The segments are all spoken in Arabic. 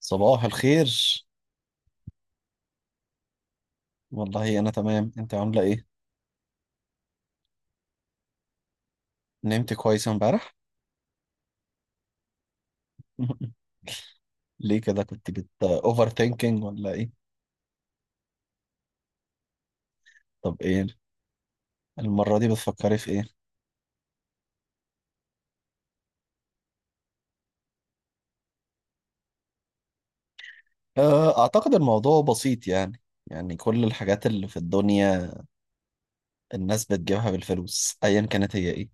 صباح الخير. والله انا تمام، انت عامله ايه؟ نمت كويس امبارح؟ ليه كده، كنت بت اوفر ثينكينج ولا ايه؟ طب ايه المره دي بتفكري في ايه؟ آه، اعتقد الموضوع بسيط يعني كل الحاجات اللي في الدنيا الناس بتجيبها بالفلوس، ايا كانت هي ايه.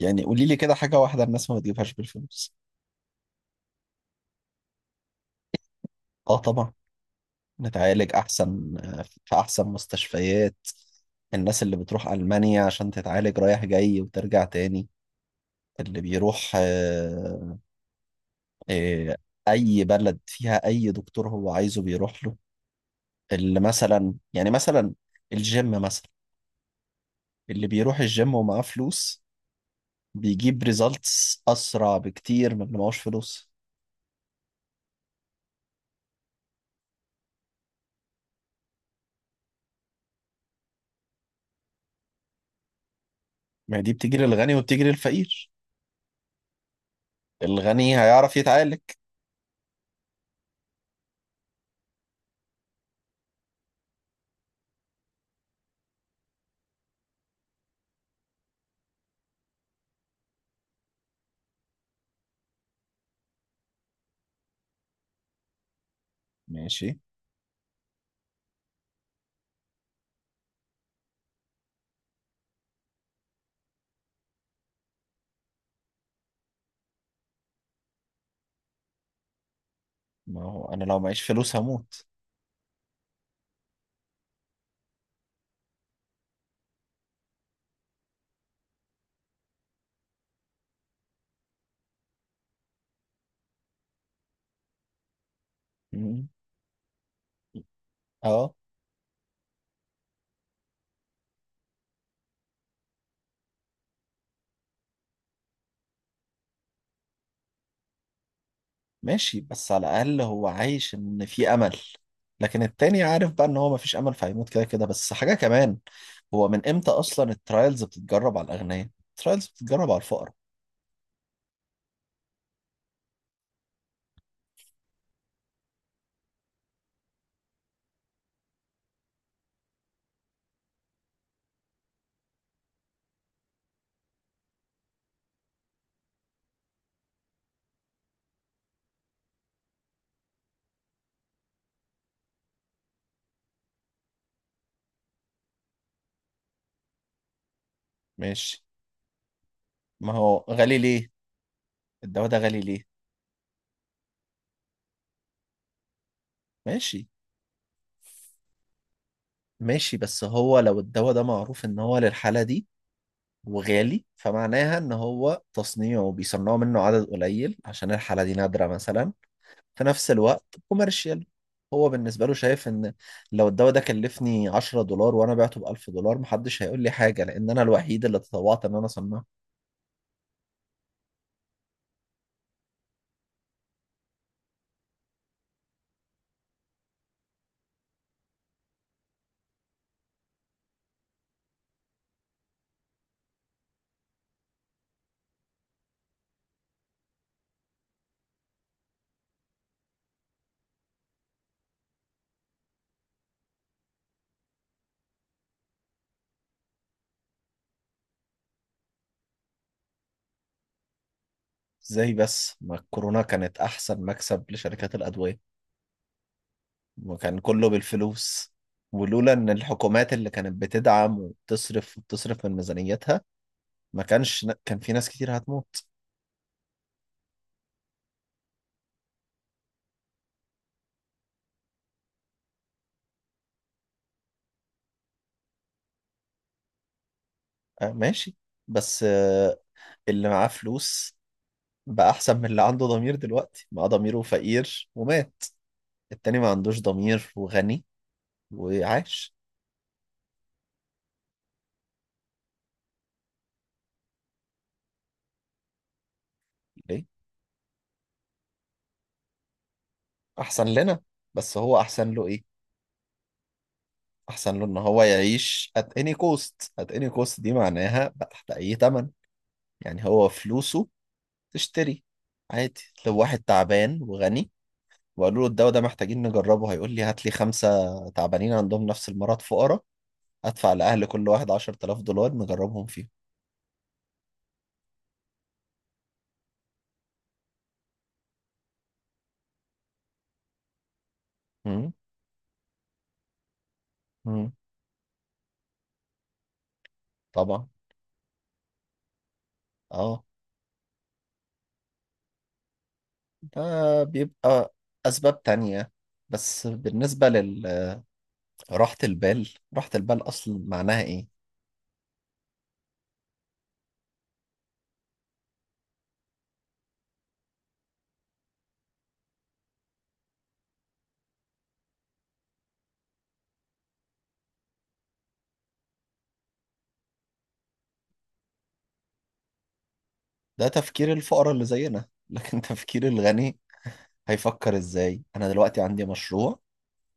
يعني قولي لي كده حاجه واحده الناس ما بتجيبهاش بالفلوس. اه طبعا. نتعالج احسن في احسن مستشفيات. الناس اللي بتروح المانيا عشان تتعالج رايح جاي وترجع تاني. اللي بيروح آه، أي بلد فيها أي دكتور هو عايزه بيروح له. اللي مثلا الجيم مثلا. اللي بيروح الجيم ومعاه فلوس بيجيب ريزالتس أسرع بكتير من اللي معهوش فلوس. ما هي دي بتيجي للغني وبتيجي للفقير. الغني هيعرف يتعالج. ماشي. ما هو أنا لو معيش فلوس هموت. مم. اه ماشي، بس على الأقل هو عايش إن في أمل. لكن التاني عارف بقى إن هو مفيش أمل فهيموت كده كده. بس حاجة كمان، هو من امتى اصلا الترايلز بتتجرب على الاغنياء؟ الترايلز بتتجرب على الفقراء. ماشي. ما هو غالي ليه؟ الدواء ده غالي ليه؟ ماشي، ماشي. بس هو لو الدواء ده معروف ان هو للحالة دي وغالي، فمعناها ان هو تصنيعه بيصنعوا منه عدد قليل عشان الحالة دي نادرة مثلا. في نفس الوقت كوميرشال، هو بالنسبة له شايف ان لو الدواء ده كلفني 10 دولار وانا بعته ب 1000 دولار محدش هيقول لي حاجة، لان انا الوحيد اللي تطوعت ان انا اصنعه. ازاي بس، ما الكورونا كانت احسن مكسب لشركات الادويه، وكان كله بالفلوس. ولولا ان الحكومات اللي كانت بتدعم وبتصرف وبتصرف من ميزانيتها ما كانش كان في ناس كتير هتموت. آه ماشي. بس اللي معاه فلوس بقى احسن من اللي عنده ضمير. دلوقتي معاه ضميره فقير ومات. التاني ما عندوش ضمير وغني، وعاش. ليه احسن لنا؟ بس هو احسن له إيه؟ احسن له ان هو يعيش at any cost. at any cost دي معناها بقى تحت اي ثمن. يعني هو فلوسه تشتري عادي. لو واحد تعبان وغني وقالوا له الدواء ده محتاجين نجربه، هيقول لي هات لي خمسة تعبانين عندهم نفس المرض فقراء. ادفع لأهل كل واحد 10000 دولار نجربهم فيهم. مم. مم. طبعا. اه. ده بيبقى اسباب تانية، بس بالنسبة لراحة البال، راحة البال اصلا معناها ايه؟ ده تفكير الفقراء اللي زينا، لكن تفكير الغني هيفكر ازاي؟ انا دلوقتي عندي مشروع،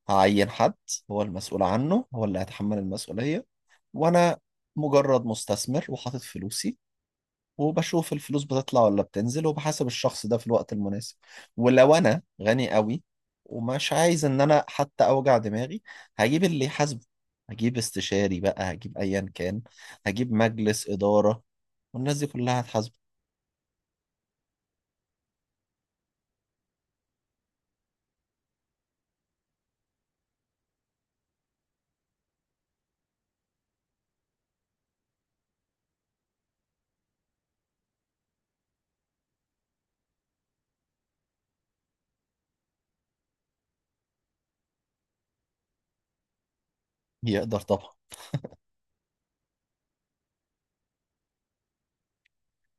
هعين حد هو المسؤول عنه هو اللي هيتحمل المسؤولية. وانا مجرد مستثمر وحاطط فلوسي، وبشوف الفلوس بتطلع ولا بتنزل، وبحاسب الشخص ده في الوقت المناسب. ولو انا غني قوي ومش عايز ان انا حتى اوجع دماغي، هجيب اللي يحاسبه. هجيب استشاري بقى، هجيب ايا كان، هجيب مجلس إدارة، والناس دي كلها هتحاسبه. يقدر طبعا.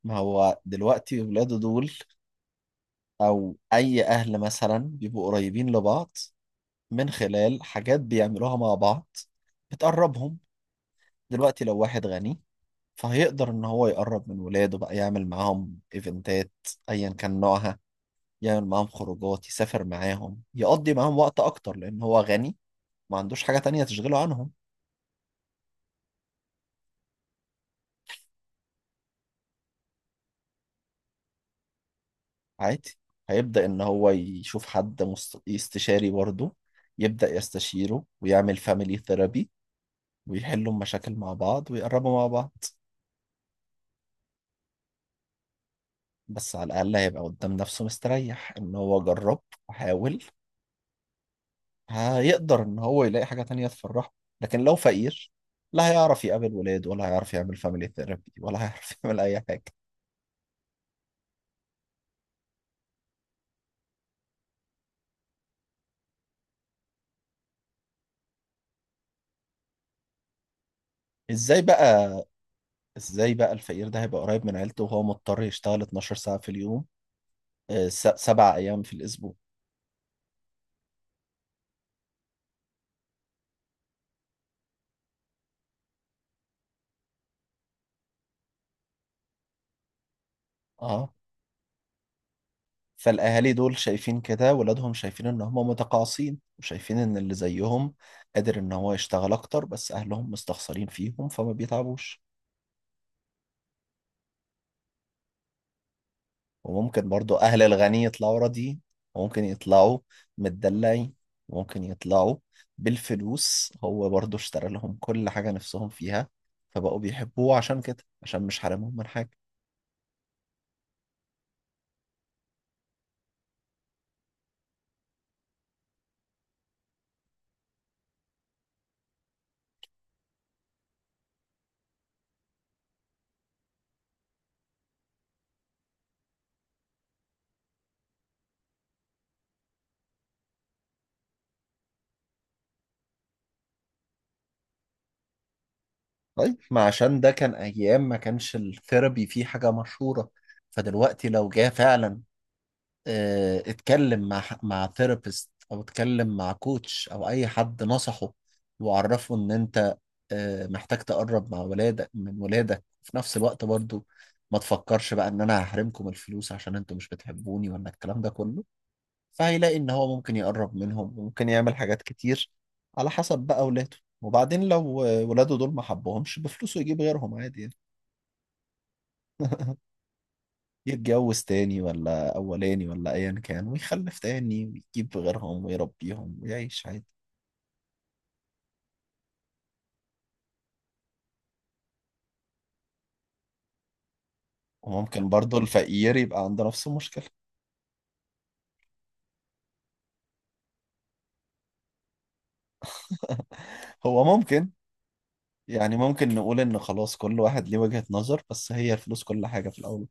ما هو دلوقتي ولاده دول او اي اهل مثلا بيبقوا قريبين لبعض من خلال حاجات بيعملوها مع بعض بتقربهم. دلوقتي لو واحد غني فهيقدر ان هو يقرب من ولاده بقى، يعمل معاهم ايفنتات ايا كان نوعها، يعمل معاهم خروجات، يسافر معاهم، يقضي معاهم وقت اكتر لان هو غني ما عندوش حاجة تانية تشغله عنهم. عادي، هيبدأ ان هو يشوف حد استشاري برضه، يبدأ يستشيره ويعمل فاميلي ثيرابي ويحلوا المشاكل مع بعض ويقربوا مع بعض. بس على الأقل هيبقى قدام نفسه مستريح إن هو جرب وحاول. هيقدر إن هو يلاقي حاجة تانية تفرحه. لكن لو فقير لا هيعرف يقابل ولاد ولا هيعرف يعمل فاميلي ثيرابي ولا هيعرف يعمل أي حاجة. إزاي بقى؟ إزاي بقى الفقير ده هيبقى قريب من عيلته وهو مضطر يشتغل 12 ساعة في اليوم، 7 أيام في الأسبوع؟ آه. فالأهالي دول شايفين كده ولادهم شايفين إن هم متقاعسين، وشايفين إن اللي زيهم قادر إن هو يشتغل أكتر، بس أهلهم مستخسرين فيهم فما بيتعبوش. وممكن برضو أهل الغني يطلعوا راضيين. وممكن يطلعوا متدلعين. وممكن يطلعوا بالفلوس، هو برضو اشترى لهم كل حاجة نفسهم فيها فبقوا بيحبوه عشان كده، عشان مش حارمهم من حاجة. طيب، ما عشان ده كان أيام ما كانش الثيرابي فيه حاجة مشهورة. فدلوقتي لو جه فعلا اتكلم مع مع ثيرابيست او اتكلم مع كوتش او اي حد نصحه وعرفه ان انت محتاج تقرب مع ولادك من ولادك في نفس الوقت برضو، ما تفكرش بقى ان انا هحرمكم الفلوس عشان انتوا مش بتحبوني ولا الكلام ده كله، فهيلاقي ان هو ممكن يقرب منهم وممكن يعمل حاجات كتير على حسب بقى ولاده. وبعدين لو ولاده دول ما حبهمش بفلوسه يجيب غيرهم عادي يعني. يتجوز تاني ولا أولاني ولا أيا كان ويخلف تاني ويجيب غيرهم ويربيهم ويعيش عادي. وممكن برضو الفقير يبقى عنده نفس المشكلة. هو ممكن، يعني ممكن نقول إن خلاص كل واحد ليه وجهة نظر، بس هي الفلوس كل حاجة في الأول.